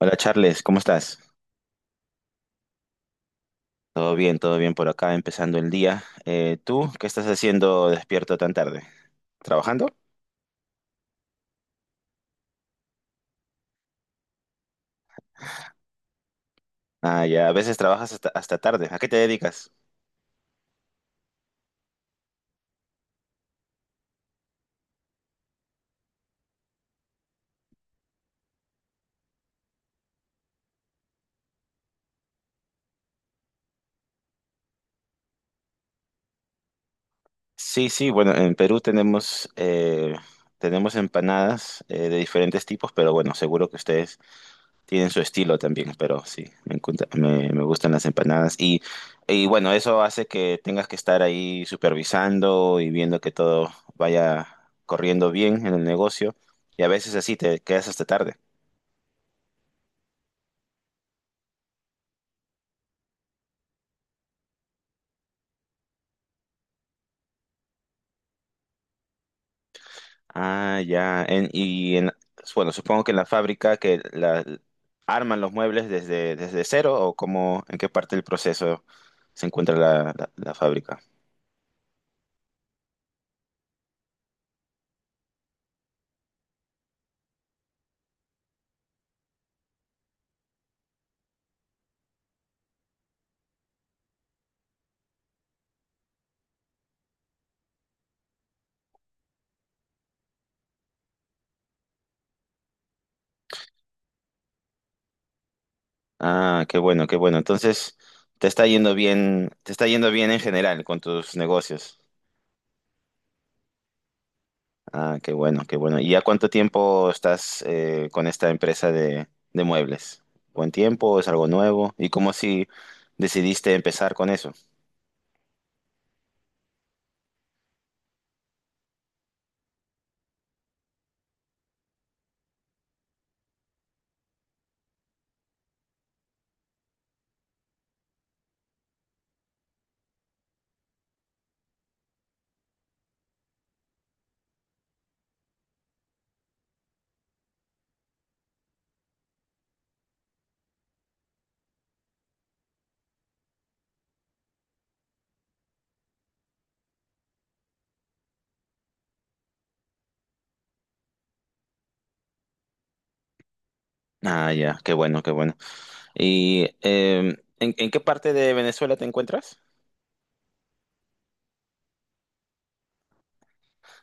Hola Charles, ¿cómo estás? Todo bien por acá, empezando el día. ¿Tú qué estás haciendo despierto tan tarde? ¿Trabajando? Ah, ya, a veces trabajas hasta tarde. ¿A qué te dedicas? Sí, sí, bueno, en Perú tenemos, tenemos empanadas de diferentes tipos, pero bueno, seguro que ustedes tienen su estilo también, pero sí, me, me gustan las empanadas. Y bueno, eso hace que tengas que estar ahí supervisando y viendo que todo vaya corriendo bien en el negocio. Y a veces así te quedas hasta tarde. Ah, ya. En, bueno, supongo que en la fábrica que la, arman los muebles desde cero, o cómo, en qué parte del proceso se encuentra la, la fábrica. Ah, qué bueno, qué bueno. Entonces, te está yendo bien, te está yendo bien en general con tus negocios. Ah, qué bueno, qué bueno. ¿Y ya cuánto tiempo estás con esta empresa de muebles? ¿Buen tiempo? ¿Es algo nuevo? ¿Y cómo si decidiste empezar con eso? Ah, ya, qué bueno, qué bueno. ¿Y en qué parte de Venezuela te encuentras?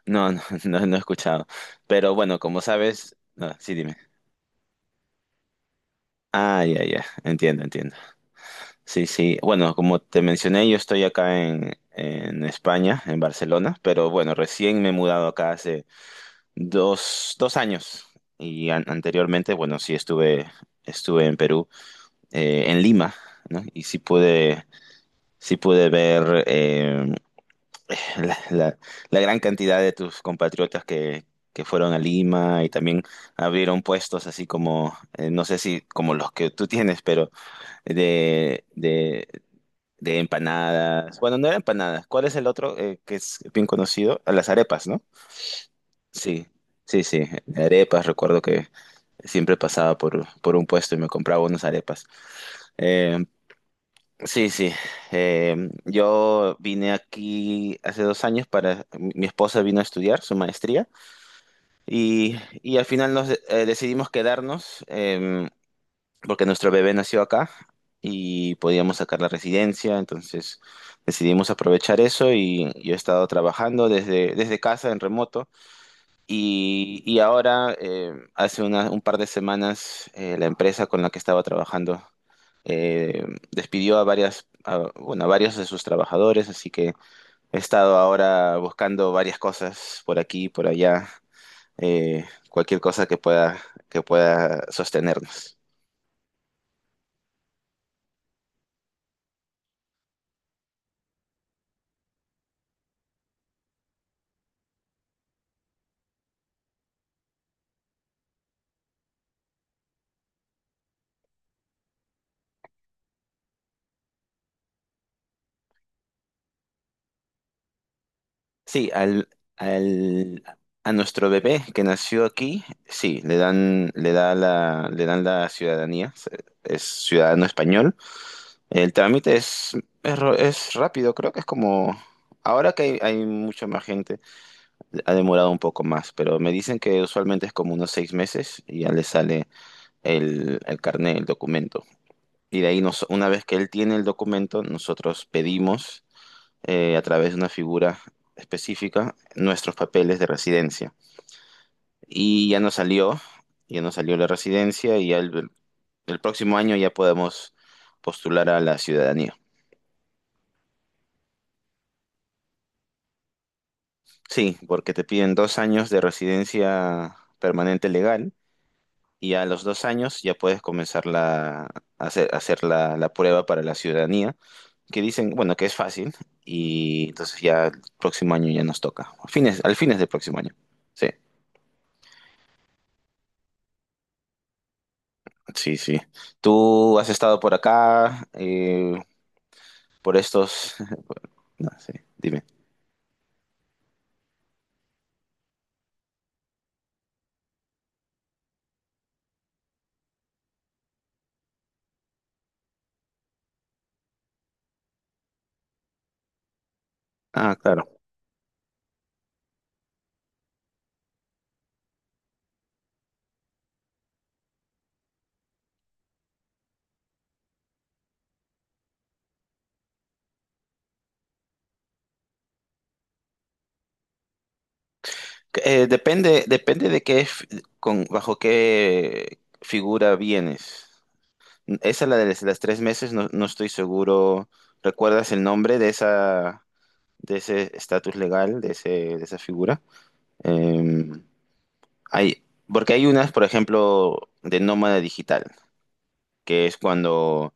No, no, no, no he escuchado. Pero bueno, como sabes, no, sí, dime. Ah, ya, ya, entiendo, entiendo. Sí, sí. Bueno, como te mencioné, yo estoy acá en España, en Barcelona, pero bueno, recién me he mudado acá hace dos, dos años y anteriormente, bueno, sí estuve, estuve en Perú, en Lima, ¿no? Y sí pude ver la, la gran cantidad de tus compatriotas que fueron a Lima y también abrieron puestos así como, no sé si como los que tú tienes, pero de, de de empanadas. Bueno, no era empanadas. ¿Cuál es el otro que es bien conocido? Ah, las arepas, ¿no? Sí, sí, sí. Arepas, recuerdo que siempre pasaba por un puesto y me compraba unas arepas. Eh, sí, sí. Eh, yo vine aquí hace dos años para... Mi esposa vino a estudiar su maestría y, y al final nos decidimos quedarnos. Porque nuestro bebé nació acá y podíamos sacar la residencia, entonces decidimos aprovechar eso y yo he estado trabajando desde casa en remoto y ahora hace un par de semanas la empresa con la que estaba trabajando eh, despidió a bueno, a varios de sus trabajadores, así que he estado ahora buscando varias cosas por aquí y por allá, cualquier cosa que pueda sostenernos. Sí, al, al, a nuestro bebé que nació aquí, sí, le dan, le da la, le dan la ciudadanía, es ciudadano español. El trámite es, es rápido, creo que es como, ahora que hay mucha más gente, ha demorado un poco más, pero me dicen que usualmente es como unos seis meses y ya le sale el carnet, el documento. Y de ahí nos, una vez que él tiene el documento, nosotros pedimos a través de una figura específica nuestros papeles de residencia. Y ya nos salió la residencia y ya el próximo año ya podemos postular a la ciudadanía. Sí, porque te piden dos años de residencia permanente legal y a los dos años ya puedes comenzar la, a hacer la, la prueba para la ciudadanía, que dicen, bueno, que es fácil y entonces ya el próximo año ya nos toca, a fines, al fines del próximo año. Sí. Sí, sí. ¿Tú has estado por acá, por estos? No sé, dime. Ah, claro. Depende, depende de qué, con, bajo qué figura vienes. Esa, la de las tres meses, no, no estoy seguro. ¿Recuerdas el nombre de esa, de ese estatus legal, de ese, de esa figura? Eh, hay, porque hay unas, por ejemplo, de nómada digital, que es cuando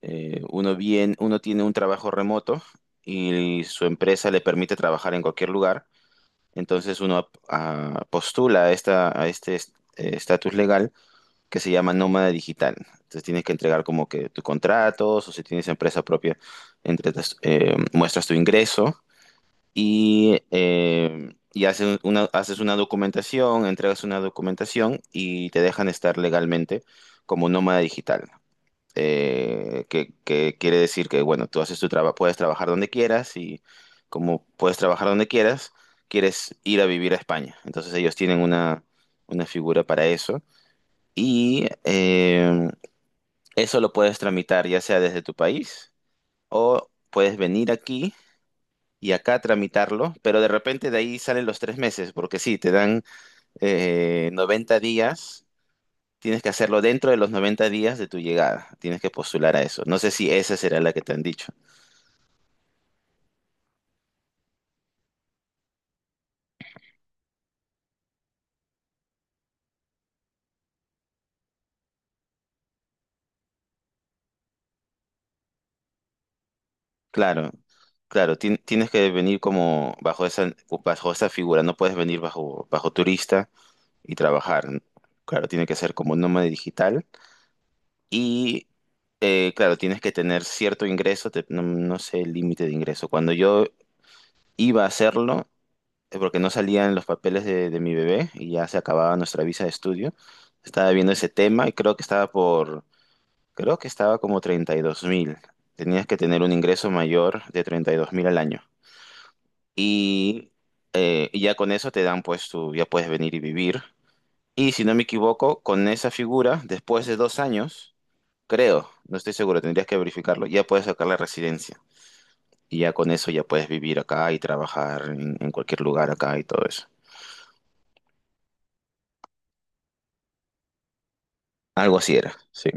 Uno bien, uno tiene un trabajo remoto y su empresa le permite trabajar en cualquier lugar. Entonces postula a esta, a este estatus legal que se llama nómada digital. Entonces tienes que entregar como que tus contratos o si tienes empresa propia, entregas, muestras tu ingreso y haces una documentación, entregas una documentación y te dejan estar legalmente como nómada digital que quiere decir que, bueno, tú haces tu trabajo, puedes trabajar donde quieras y como puedes trabajar donde quieras, quieres ir a vivir a España. Entonces ellos tienen una figura para eso y eso lo puedes tramitar ya sea desde tu país o puedes venir aquí. Y acá tramitarlo, pero de repente de ahí salen los tres meses, porque sí, te dan 90 días. Tienes que hacerlo dentro de los 90 días de tu llegada. Tienes que postular a eso. No sé si esa será la que te han dicho. Claro, claro, tienes que venir como bajo esa figura. No puedes venir bajo, bajo turista y trabajar, ¿no? Claro, tiene que ser como nómada digital. Y claro, tienes que tener cierto ingreso. No, no sé el límite de ingreso. Cuando yo iba a hacerlo, porque no salían los papeles de mi bebé y ya se acababa nuestra visa de estudio, estaba viendo ese tema y creo que estaba por... Creo que estaba como 32.000. Tenías que tener un ingreso mayor de 32.000 al año. Y, y ya con eso te dan, pues tú ya puedes venir y vivir. Y si no me equivoco, con esa figura, después de dos años, creo, no estoy seguro, tendrías que verificarlo, ya puedes sacar la residencia. Y ya con eso ya puedes vivir acá y trabajar en cualquier lugar acá y todo eso. Algo así era, sí.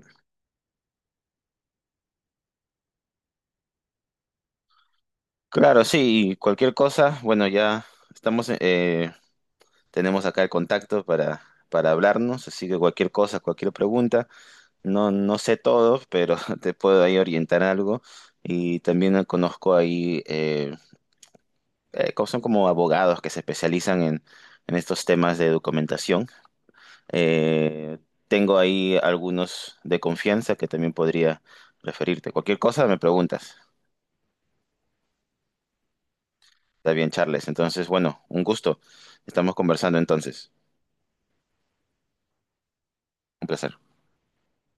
Claro, sí, y cualquier cosa, bueno, ya estamos, tenemos acá el contacto para hablarnos, así que cualquier cosa, cualquier pregunta, no, no sé todo, pero te puedo ahí orientar algo. Y también conozco ahí, son como abogados que se especializan en estos temas de documentación. Eh, tengo ahí algunos de confianza que también podría referirte. Cualquier cosa me preguntas. Está bien, Charles. Entonces, bueno, un gusto. Estamos conversando entonces. Un placer.